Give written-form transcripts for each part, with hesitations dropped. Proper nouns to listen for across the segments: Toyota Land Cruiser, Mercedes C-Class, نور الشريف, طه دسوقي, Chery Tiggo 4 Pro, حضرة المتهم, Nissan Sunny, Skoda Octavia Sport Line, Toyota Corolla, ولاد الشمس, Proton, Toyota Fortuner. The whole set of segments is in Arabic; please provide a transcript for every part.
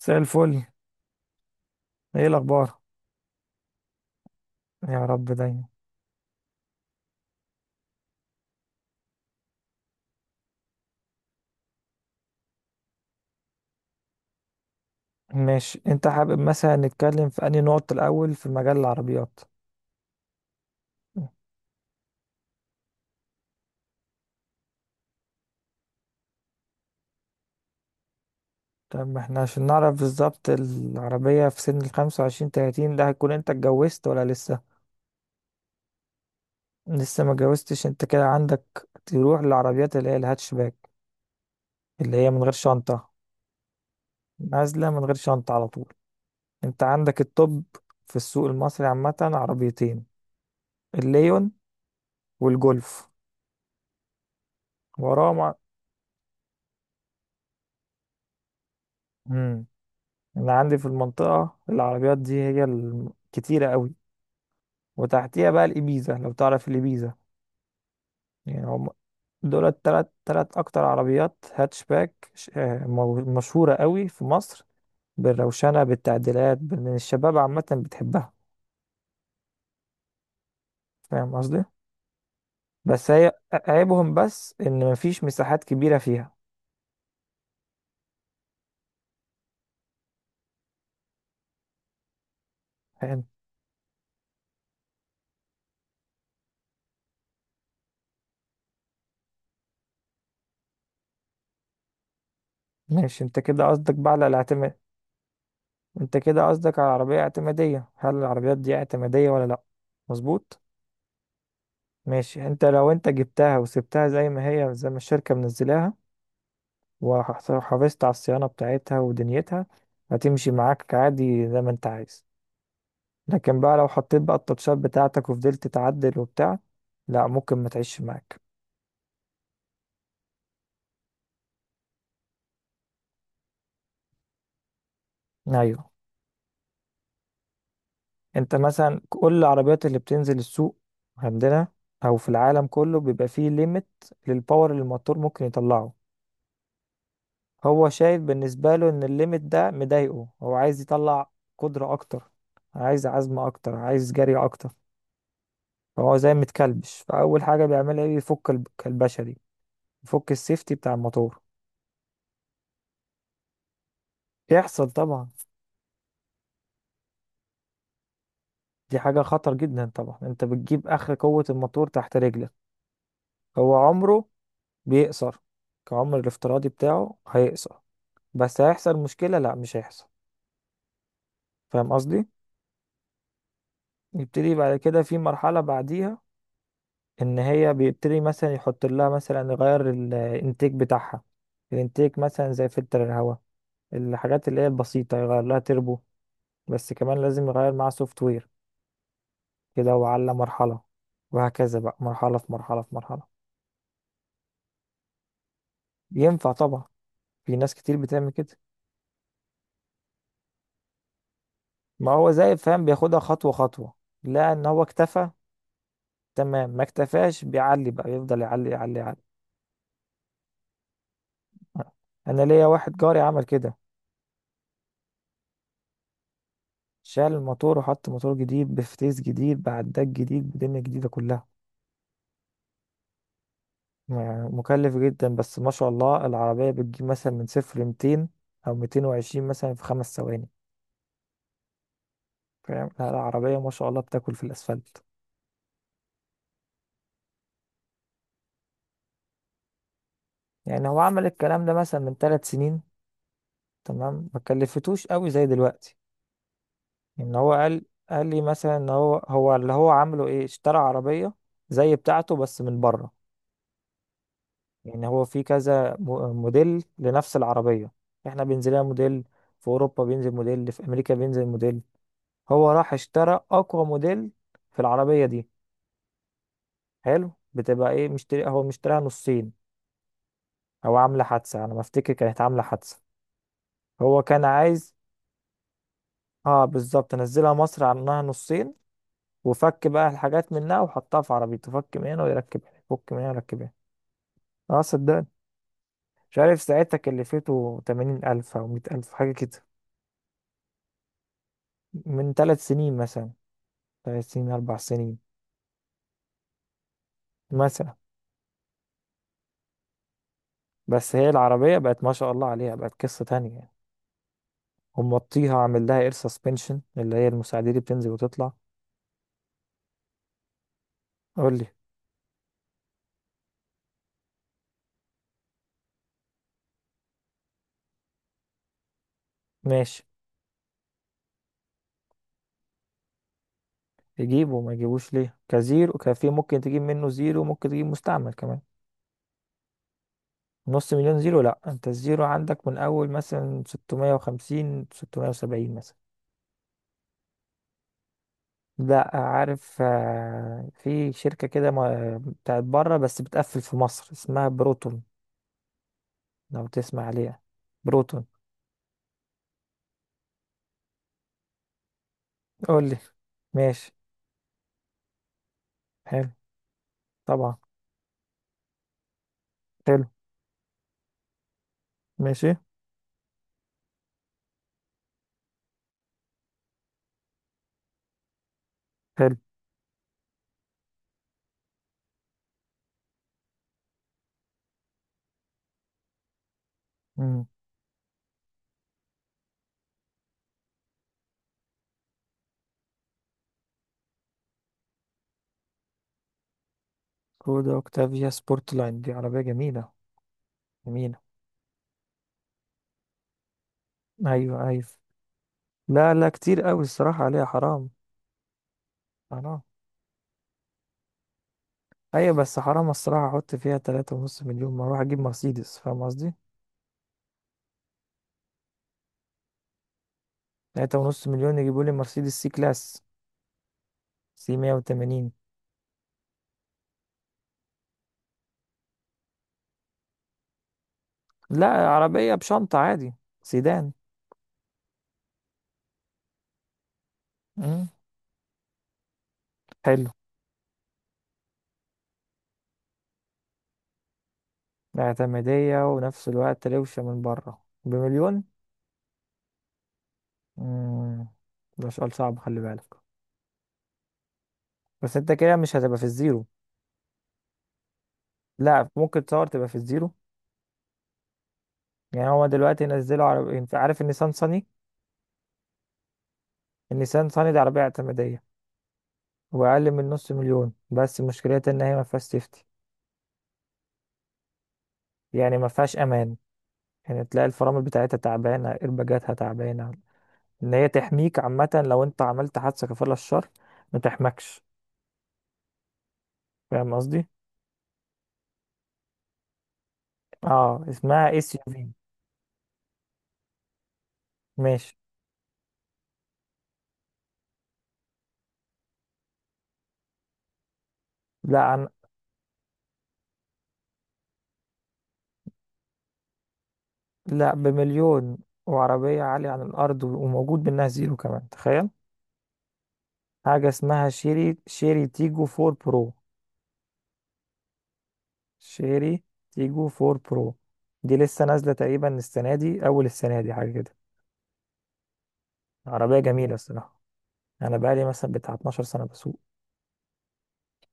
مساء الفل. ايه الاخبار؟ يا رب دايما. ماشي، انت حابب مثلا نتكلم في انهي نقطة الاول في مجال العربيات؟ طب احنا عشان نعرف بالظبط العربية في سن الخمسة وعشرين تلاتين ده، هتكون انت اتجوزت ولا لسه؟ لسه ما اتجوزتش، انت كده عندك تروح للعربيات اللي هي الهاتشباك، اللي هي من غير شنطة. نازلة من غير شنطة على طول. انت عندك التوب. في السوق المصري عامة عربيتين: الليون والجولف. وراهم مم. انا عندي في المنطقة العربيات دي هي الكتيرة قوي، وتحتيها بقى الإبيزا لو تعرف الإبيزا. يعني هم دول التلات تلات أكتر عربيات هاتشباك مشهورة قوي في مصر. بالروشنة بالتعديلات الشباب عامة بتحبها. فاهم قصدي؟ بس هي عيبهم بس إن مفيش مساحات كبيرة فيها. فاهم. ماشي، انت كده قصدك بقى على الاعتماد. انت كده قصدك على عربية اعتمادية، هل العربيات دي اعتمادية ولا لأ؟ مظبوط. ماشي، انت لو انت جبتها وسبتها زي ما هي زي ما الشركة منزلاها، وحافظت على الصيانة بتاعتها ودنيتها، هتمشي معاك عادي زي ما انت عايز. لكن بقى لو حطيت بقى التاتشات بتاعتك وفضلت تعدل وبتاع، لا ممكن ما تعيش معاك. ايوه. انت مثلا كل العربيات اللي بتنزل السوق عندنا او في العالم كله بيبقى فيه ليميت للباور اللي الموتور ممكن يطلعه. هو شايف بالنسبة له ان الليميت ده مضايقه، هو عايز يطلع قدرة اكتر، عايز عزم اكتر، عايز جري اكتر. فهو زي متكلبش، فاول حاجة بيعملها ايه، يفك الكلبشة دي، يفك السيفتي بتاع الموتور. يحصل طبعا. دي حاجة خطر جدا طبعا، انت بتجيب اخر قوة الموتور تحت رجلك. هو عمره بيقصر، كعمر الافتراضي بتاعه هيقصر. بس هيحصل مشكلة؟ لا، مش هيحصل. فاهم قصدي؟ يبتدي بعد كده في مرحلة بعديها، ان هي بيبتدي مثلا يحط لها، مثلا يغير الانتيك بتاعها. الانتيك مثلا زي فلتر الهواء، الحاجات اللي هي البسيطة. يغير لها تربو، بس كمان لازم يغير معاها سوفت وير. كده، وعلى مرحلة، وهكذا بقى مرحلة في مرحلة في مرحلة. ينفع طبعا، في ناس كتير بتعمل كده. ما هو زي فاهم بياخدها خطوة خطوة. لا، ان هو اكتفى تمام، ما اكتفاش بيعلي بقى، يفضل يعلي يعلي يعلي. انا ليا واحد جاري عمل كده. شال الموتور وحط موتور جديد، بفتيس جديد، بعداد جديد، بدنيا جديدة كلها. يعني مكلف جدا، بس ما شاء الله العربية بتجيب مثلا من صفر لميتين، أو ميتين وعشرين، مثلا في خمس ثواني. فاهم؟ لا، العربية ما شاء الله بتاكل في الأسفلت. يعني هو عمل الكلام ده مثلا من ثلاث سنين، تمام؟ ما كلفتوش قوي زي دلوقتي. إن هو قال لي مثلا إن هو، هو اللي هو عامله إيه، اشترى عربية زي بتاعته بس من بره. يعني هو في كذا موديل لنفس العربية. احنا بينزل لها موديل، في أوروبا بينزل موديل، في أمريكا بينزل موديل. هو راح اشترى أقوى موديل في العربية دي. حلو. بتبقى ايه، مشتري؟ هو مشتريها نصين أو عاملة حادثة، أنا ما أفتكر كانت عاملة حادثة. هو كان عايز، اه بالظبط، نزلها مصر عنها نصين، وفك بقى الحاجات منها وحطها في عربيته. فك من هنا ويركب هنا، فك من هنا ويركب هنا. اه صدقني. مش عارف ساعتها كلفته تمانين ألف أو مية ألف، حاجة كده. من ثلاث سنين مثلا، ثلاث سنين أربع سنين مثلا. بس هي العربية بقت ما شاء الله عليها، بقت قصة تانية يعني. هم موطيها، عامل لها اير سسبنشن، اللي هي المساعدة دي بتنزل وتطلع. قول لي. ماشي. يجيبه وما يجيبوش ليه؟ كزيرو كفي، ممكن تجيب منه زيرو، ممكن تجيب مستعمل كمان. نص مليون زيرو؟ لا، انت الزيرو عندك من اول مثلا 650، 670 مثلا. لا، عارف، في شركة كده بتاعت بره بس بتقفل في مصر، اسمها بروتون، لو تسمع عليها. بروتون. قول لي. ماشي. حلو. طبعا. حلو. ماشي. حلو. امم. كودا اوكتافيا سبورت لاين، دي عربية جميلة. جميلة. ايوه، ايوه. لا، لا، كتير قوي الصراحة عليها، حرام. حرام. ايوه، بس حرام الصراحة احط فيها تلاتة ونص مليون، ما اروح اجيب مرسيدس. فاهم قصدي؟ تلاتة ونص مليون يجيبوا لي مرسيدس سي كلاس، سي 180. لا، عربية بشنطة عادي. سيدان. امم. حلو. اعتمادية ونفس الوقت روشة من بره بمليون؟ امم. ده سؤال صعب، خلي بالك. بس انت كده مش هتبقى في الزيرو. لا، ممكن تصور تبقى في الزيرو. يعني هو دلوقتي نزلوا عربية، انت عارف النيسان صني؟ النيسان صني دي عربية اعتمادية وأقل من نص مليون، بس مشكلتها إن هي ما فيهاش سيفتي. يعني ما فيهاش أمان. يعني تلاقي الفرامل بتاعتها تعبانة، إرباجاتها تعبانة، إن هي تحميك عامة لو أنت عملت حادثة كفر الله الشر، ما تحمكش. فاهم قصدي؟ اه، اسمها اس يو في. ماشي. لا لا، بمليون وعربية عالية عن الأرض وموجود منها زيرو كمان، تخيل. حاجة اسمها شيري تيجو 4 برو. شيري تيجو 4 برو. دي لسه نازلة تقريبا السنة دي، أول السنة دي، حاجة كده. عربية جميلة الصراحة. أنا بقالي مثلا بتاع 12 سنة بسوق.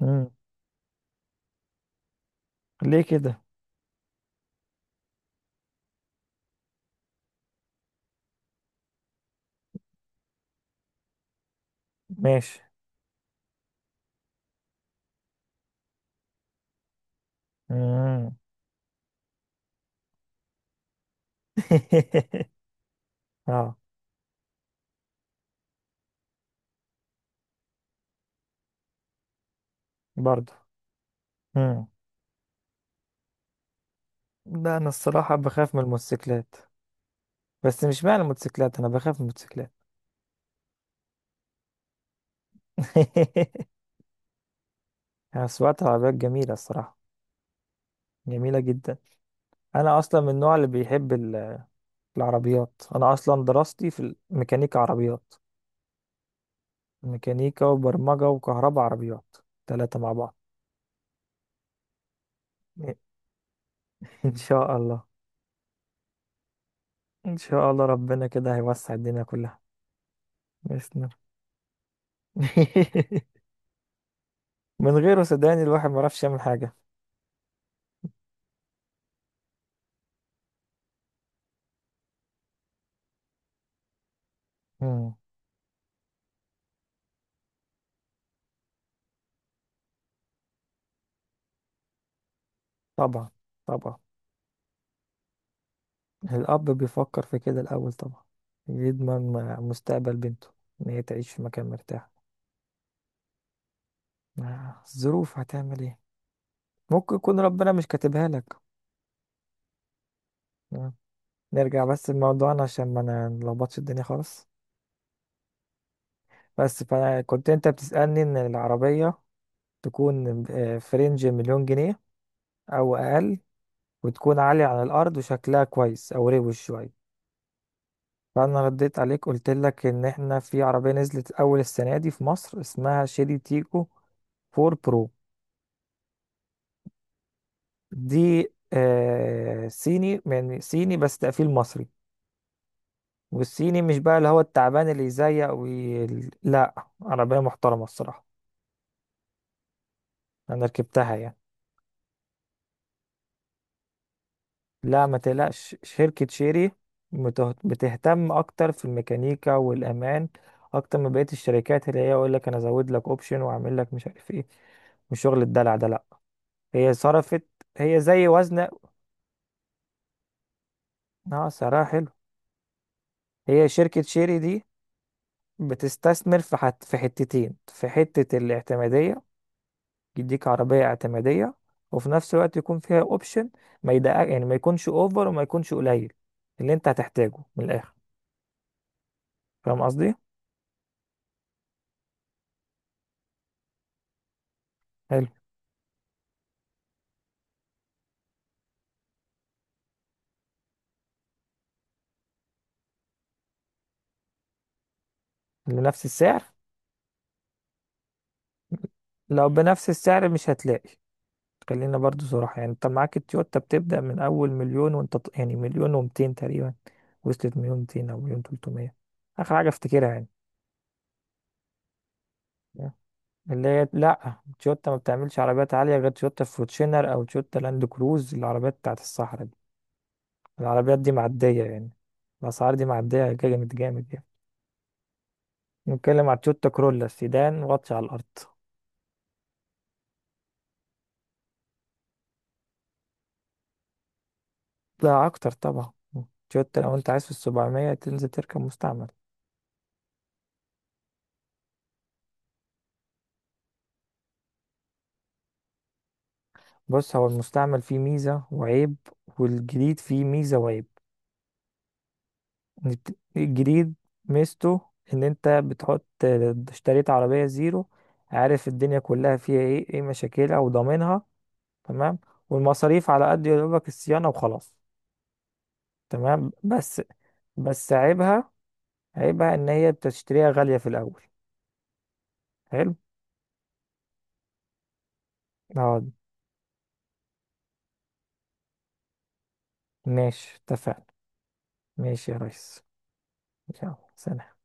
مم. ليه كده؟ ماشي. مم. اه. برضه. مم. لا، أنا الصراحة بخاف من الموتوسيكلات. بس مش معنى الموتوسيكلات، أنا بخاف من الموتوسيكلات. أنا سواقة العربيات جميلة الصراحة، جميلة جدا. أنا أصلا من النوع اللي بيحب العربيات انا اصلا دراستي في الميكانيكا عربيات، ميكانيكا وبرمجة وكهرباء عربيات، ثلاثة مع بعض. ان شاء الله. ان شاء الله ربنا كده هيوسع الدنيا كلها. بإذن الله. من غيره صدقني الواحد ما يعرفش يعمل حاجة. مم. طبعا. طبعا. الاب بيفكر في كده الاول طبعا، يضمن مستقبل بنته، ان هي تعيش في مكان مرتاح. الظروف هتعمل ايه. ممكن يكون ربنا مش كاتبها لك. آه. نرجع بس لموضوعنا عشان ما نلخبطش الدنيا خالص. بس فأنا كنت، أنت بتسألني إن العربية تكون في رينج مليون جنيه أو أقل، وتكون عالية على الأرض وشكلها كويس أو روش شوية. فأنا رديت عليك قلت لك إن إحنا في عربية نزلت أول السنة دي في مصر، اسمها شيري تيكو 4 برو. دي آه، صيني، يعني صيني بس تقفيل مصري. والصيني مش بقى اللي هو التعبان اللي يزيق لا، عربية محترمة الصراحة، أنا ركبتها يعني. لا، ما تقلقش، شركة شيري بتهتم أكتر في الميكانيكا والأمان، أكتر من بقية الشركات اللي هي يقول لك أنا أزود لك أوبشن وأعمل لك مش عارف إيه. مش شغل الدلع ده لأ. هي صرفت، هي زي وزن. أه، سعرها حلو. هي شركة شيري دي بتستثمر في في حتتين، في حتة الاعتمادية، يديك عربية اعتمادية، وفي نفس الوقت يكون فيها أوبشن. ما يدقق، يعني ما يكونش أوفر وما يكونش قليل، اللي أنت هتحتاجه من الآخر. فاهم قصدي؟ حلو. لنفس السعر. لو بنفس السعر مش هتلاقي. خلينا برضو صراحة، يعني انت معاك التويوتا بتبدأ من أول مليون، وانت يعني مليون ومتين تقريبا، وصلت مليون ميتين أو مليون تلتمية، آخر حاجة افتكرها يعني. اللي هي لأ، تويوتا ما بتعملش عربيات عالية غير تويوتا فورتشنر أو تويوتا لاند كروز، العربيات بتاعت الصحراء دي. العربيات دي معدية يعني، الأسعار دي معدية جامد جامد يعني. نتكلم على تويوتا كرولا سيدان، واطي على الأرض. ده اكتر طبعا. تويوتا لو انت عايز في السبعمية، تنزل تركب مستعمل. بص، هو المستعمل فيه ميزة وعيب، والجديد فيه ميزة وعيب. إن الجديد ميزته ان انت بتحط، اشتريت عربية زيرو، عارف الدنيا كلها فيها ايه ايه مشاكلها وضامنها، تمام؟ والمصاريف على قد يدوبك الصيانة وخلاص. تمام، بس بس عيبها، عيبها ان هي بتشتريها غالية في الاول. حلو. اه. ماشي، اتفقنا. ماشي يا ريس. يلا سلام.